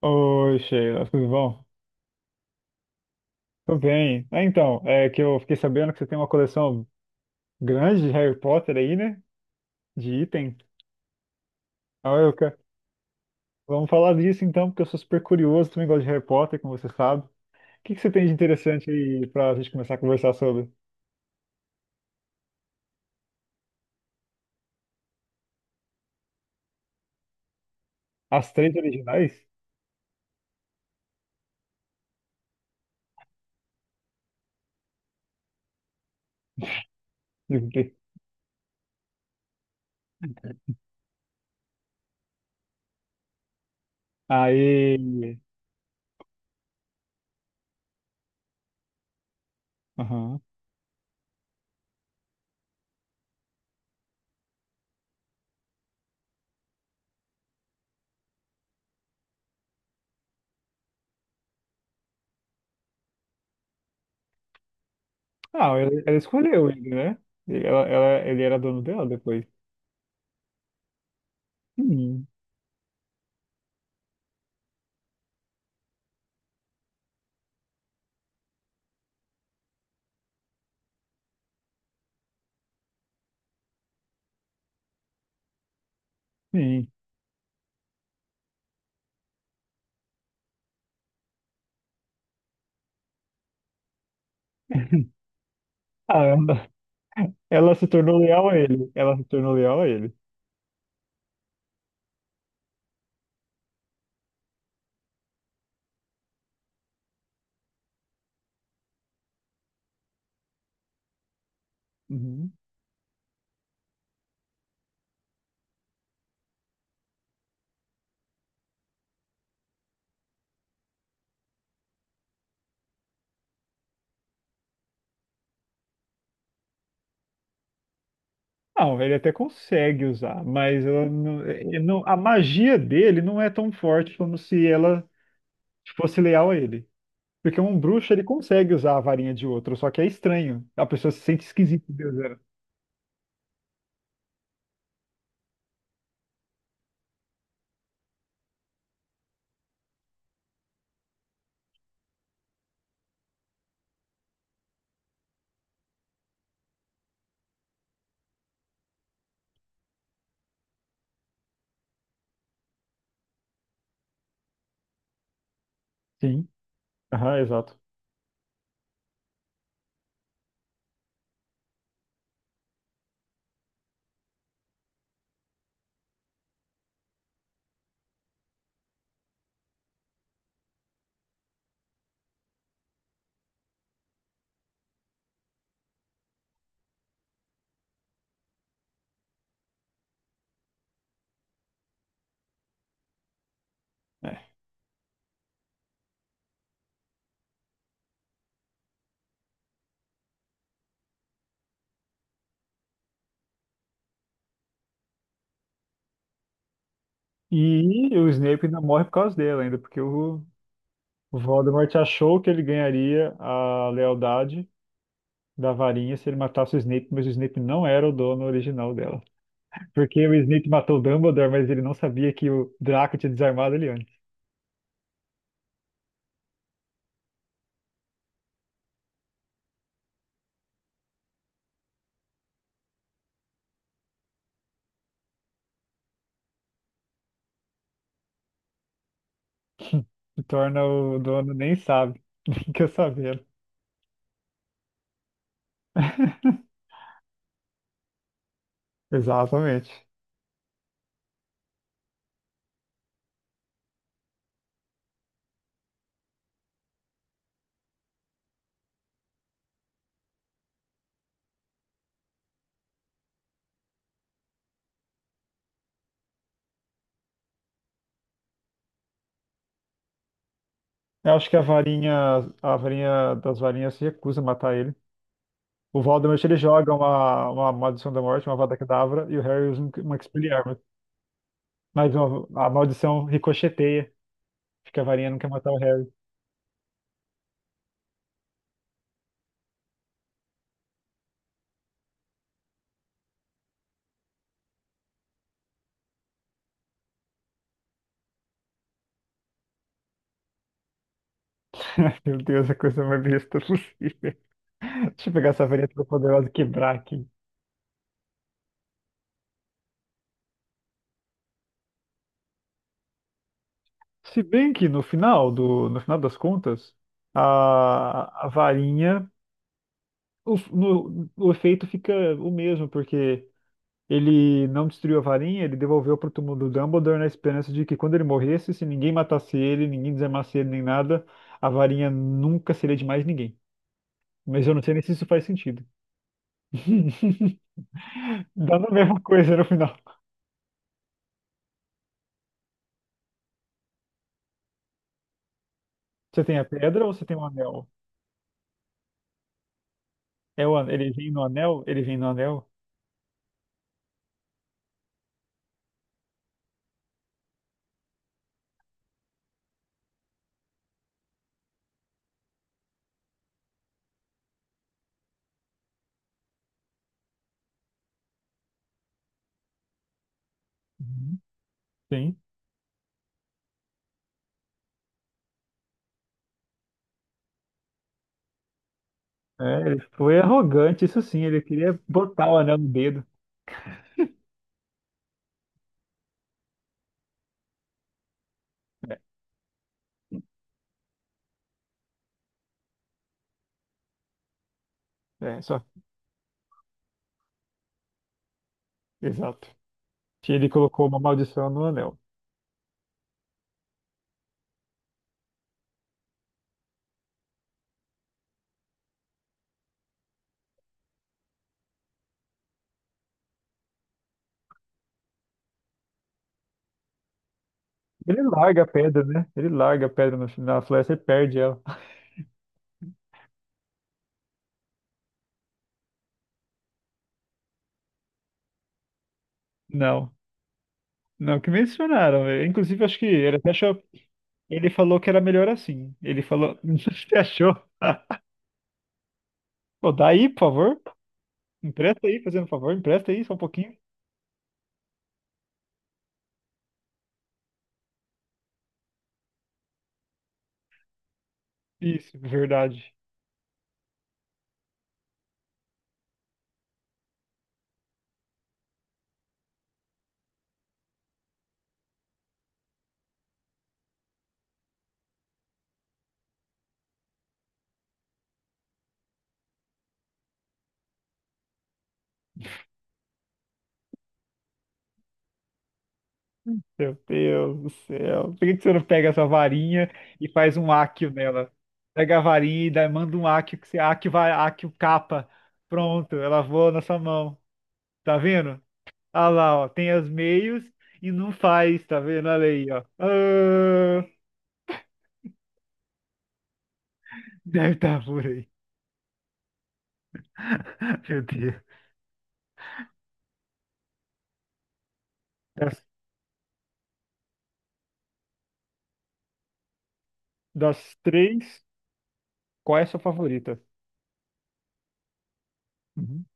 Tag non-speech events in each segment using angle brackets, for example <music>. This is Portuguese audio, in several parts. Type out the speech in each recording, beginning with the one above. Oi, Sheila, tudo bom? Tudo bem. Ah, então, é que eu fiquei sabendo que você tem uma coleção grande de Harry Potter aí, né? De item. Ah, eu quero... Vamos falar disso então, porque eu sou super curioso, também gosto de Harry Potter, como você sabe. O que que você tem de interessante aí pra gente começar a conversar sobre? As três originais? Aí. Aham. Ah, ela escolheu ele, né? Ele era dono dela depois. Sim, sim. <laughs> Ah, ela se tornou leal a ele. Ela se tornou leal a ele. Uhum. Não, ele até consegue usar, mas ela não, ele não- a magia dele não é tão forte como se ela fosse leal a ele. Porque um bruxo ele consegue usar a varinha de outro, só que é estranho. A pessoa se sente esquisita, Deus era. Sim, aham, exato. É. E o Snape ainda morre por causa dela, ainda, porque o Voldemort achou que ele ganharia a lealdade da varinha se ele matasse o Snape, mas o Snape não era o dono original dela. Porque o Snape matou o Dumbledore, mas ele não sabia que o Draco tinha desarmado ele antes. Se torna o dono, nem sabe. <laughs> Nem quer saber. <laughs> Exatamente. Eu acho que a varinha das varinhas se recusa a matar ele. O Voldemort ele joga uma maldição da morte, uma Avada Kedavra, e o Harry usa uma Expelliarmus. Mas ó, a maldição ricocheteia, porque a varinha não quer matar o Harry. <laughs> Meu Deus, a coisa mais besta possível. <laughs> Deixa eu pegar essa varinha toda poderosa e quebrar aqui. Se bem que no final do, no final das contas, a varinha, o, no- o efeito fica o mesmo, porque ele não destruiu a varinha, ele devolveu para o túmulo do Dumbledore na esperança de que quando ele morresse, se ninguém matasse ele, ninguém desarmasse ele nem nada, a varinha nunca seria de mais ninguém. Mas eu não sei nem se isso faz sentido. <laughs> Dá a mesma coisa no final. Você tem a pedra ou você tem o anel? Ele vem no anel? Ele vem no anel? Uhum. Sim. É, ele foi arrogante, isso sim, ele queria botar o anel no dedo. É, só, exato. Que ele colocou uma maldição no anel. Ele larga a pedra, né? Ele larga a pedra no, na floresta e perde ela. <laughs> Não, não que mencionaram. É, inclusive, acho que ele até achou. Ele falou que era melhor assim. Ele falou. <laughs> Você achou? <laughs> Ah, pô, dá aí, por favor. Empresta aí, fazendo um favor, empresta aí só um pouquinho. Isso, verdade. Meu Deus do céu. Por que que você não pega essa varinha e faz um áquio nela? Pega a varinha e manda um áquio, que você áquio vai, áquio capa. Pronto, ela voa na sua mão. Tá vendo? Ah lá, ó, tem os meios e não faz, tá vendo? Olha aí, ó. Ah, deve estar por aí. <laughs> Meu Deus. Das, das três, qual é a sua favorita? Uhum.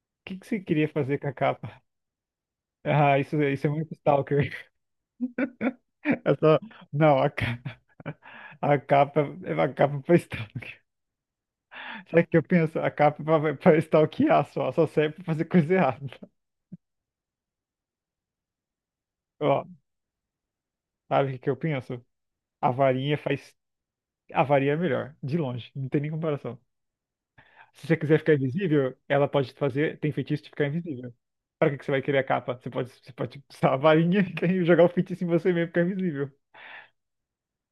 O que que você queria fazer com a capa? Ah, isso é muito stalker. <laughs> Eu tô- Não, a capa, <laughs> a capa, a capa pra stalkear. Sabe o que eu penso? A capa pra, pra stalkear só, só serve pra fazer coisa errada. Ó, sabe o que que eu penso? A varinha faz. A varinha é melhor, de longe, não tem nem comparação. Se você quiser ficar invisível, ela pode fazer. Tem feitiço de ficar invisível. Para que que você vai querer a capa? Você pode usar a varinha <laughs> e jogar o feitiço em você mesmo, ficar invisível.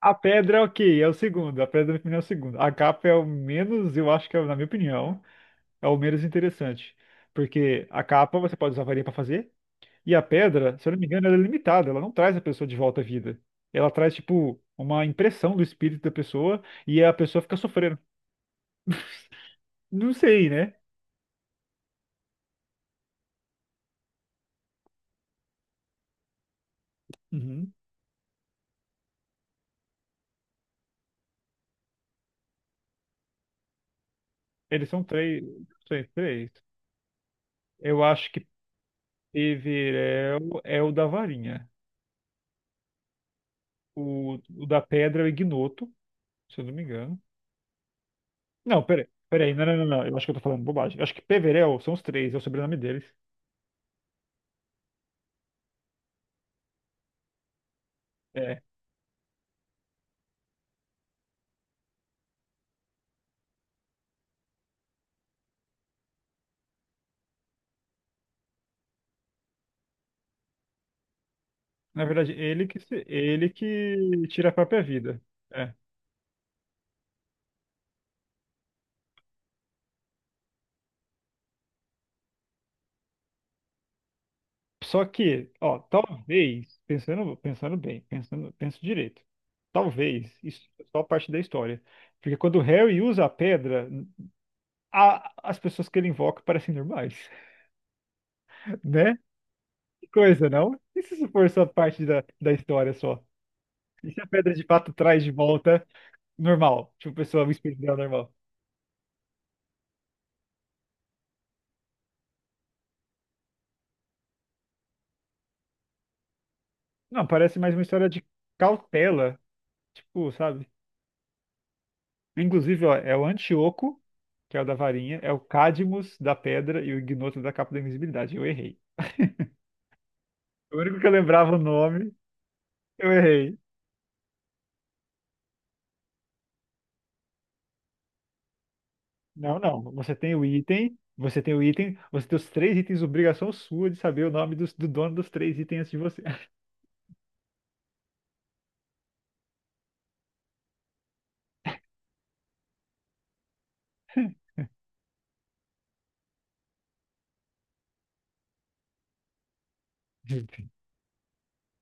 A pedra, é ok, é o segundo. A pedra, na minha opinião, é o segundo. A capa é o menos, eu acho que é, na minha opinião. É o menos interessante. Porque a capa você pode usar varinha pra fazer, e a pedra, se eu não me engano, ela é limitada, ela não traz a pessoa de volta à vida. Ela traz, tipo, uma impressão do espírito da pessoa e a pessoa fica sofrendo. Não sei, né? Uhum. Eles são três. Não sei, três. Eu acho que Peverel é o da varinha. O da pedra é o Ignoto, se eu não me engano. Não, peraí. Peraí, não, não, não, não. Eu acho que eu tô falando bobagem. Eu acho que Peverel são os três, é o sobrenome deles. É, na verdade, ele que se- ele que tira a própria vida. É. Só que, ó, talvez, pensando, pensando bem, pensando, penso direito. Talvez isso é só parte da história. Porque quando o Harry usa a pedra, as pessoas que ele invoca parecem normais, <laughs> né? Que coisa, não? E se isso for só parte da, da história só? E se a pedra de fato traz de volta normal? Tipo, pessoa, o espírito dela normal. Não, parece mais uma história de cautela, tipo, sabe? Inclusive, ó, é o Antíoco, que é o da varinha, é o Cadmus da pedra e o Ignoto da capa da invisibilidade. Eu errei. O único que eu lembrava o nome, eu errei. Não, não. Você tem o item, você tem o item, você tem os três itens, obrigação sua de saber o nome do dono dos três itens antes de você. <laughs>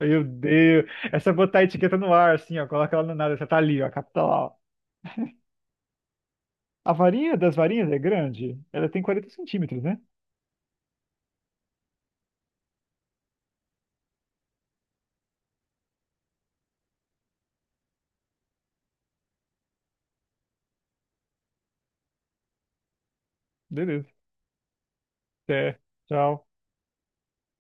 Meu Deus. Essa botar a etiqueta no ar, assim, ó. Coloca ela no nada. Essa tá ali, ó. A capa tá lá, ó. A varinha das varinhas é grande. Ela tem 40 cm, né? Beleza. Até. Tchau.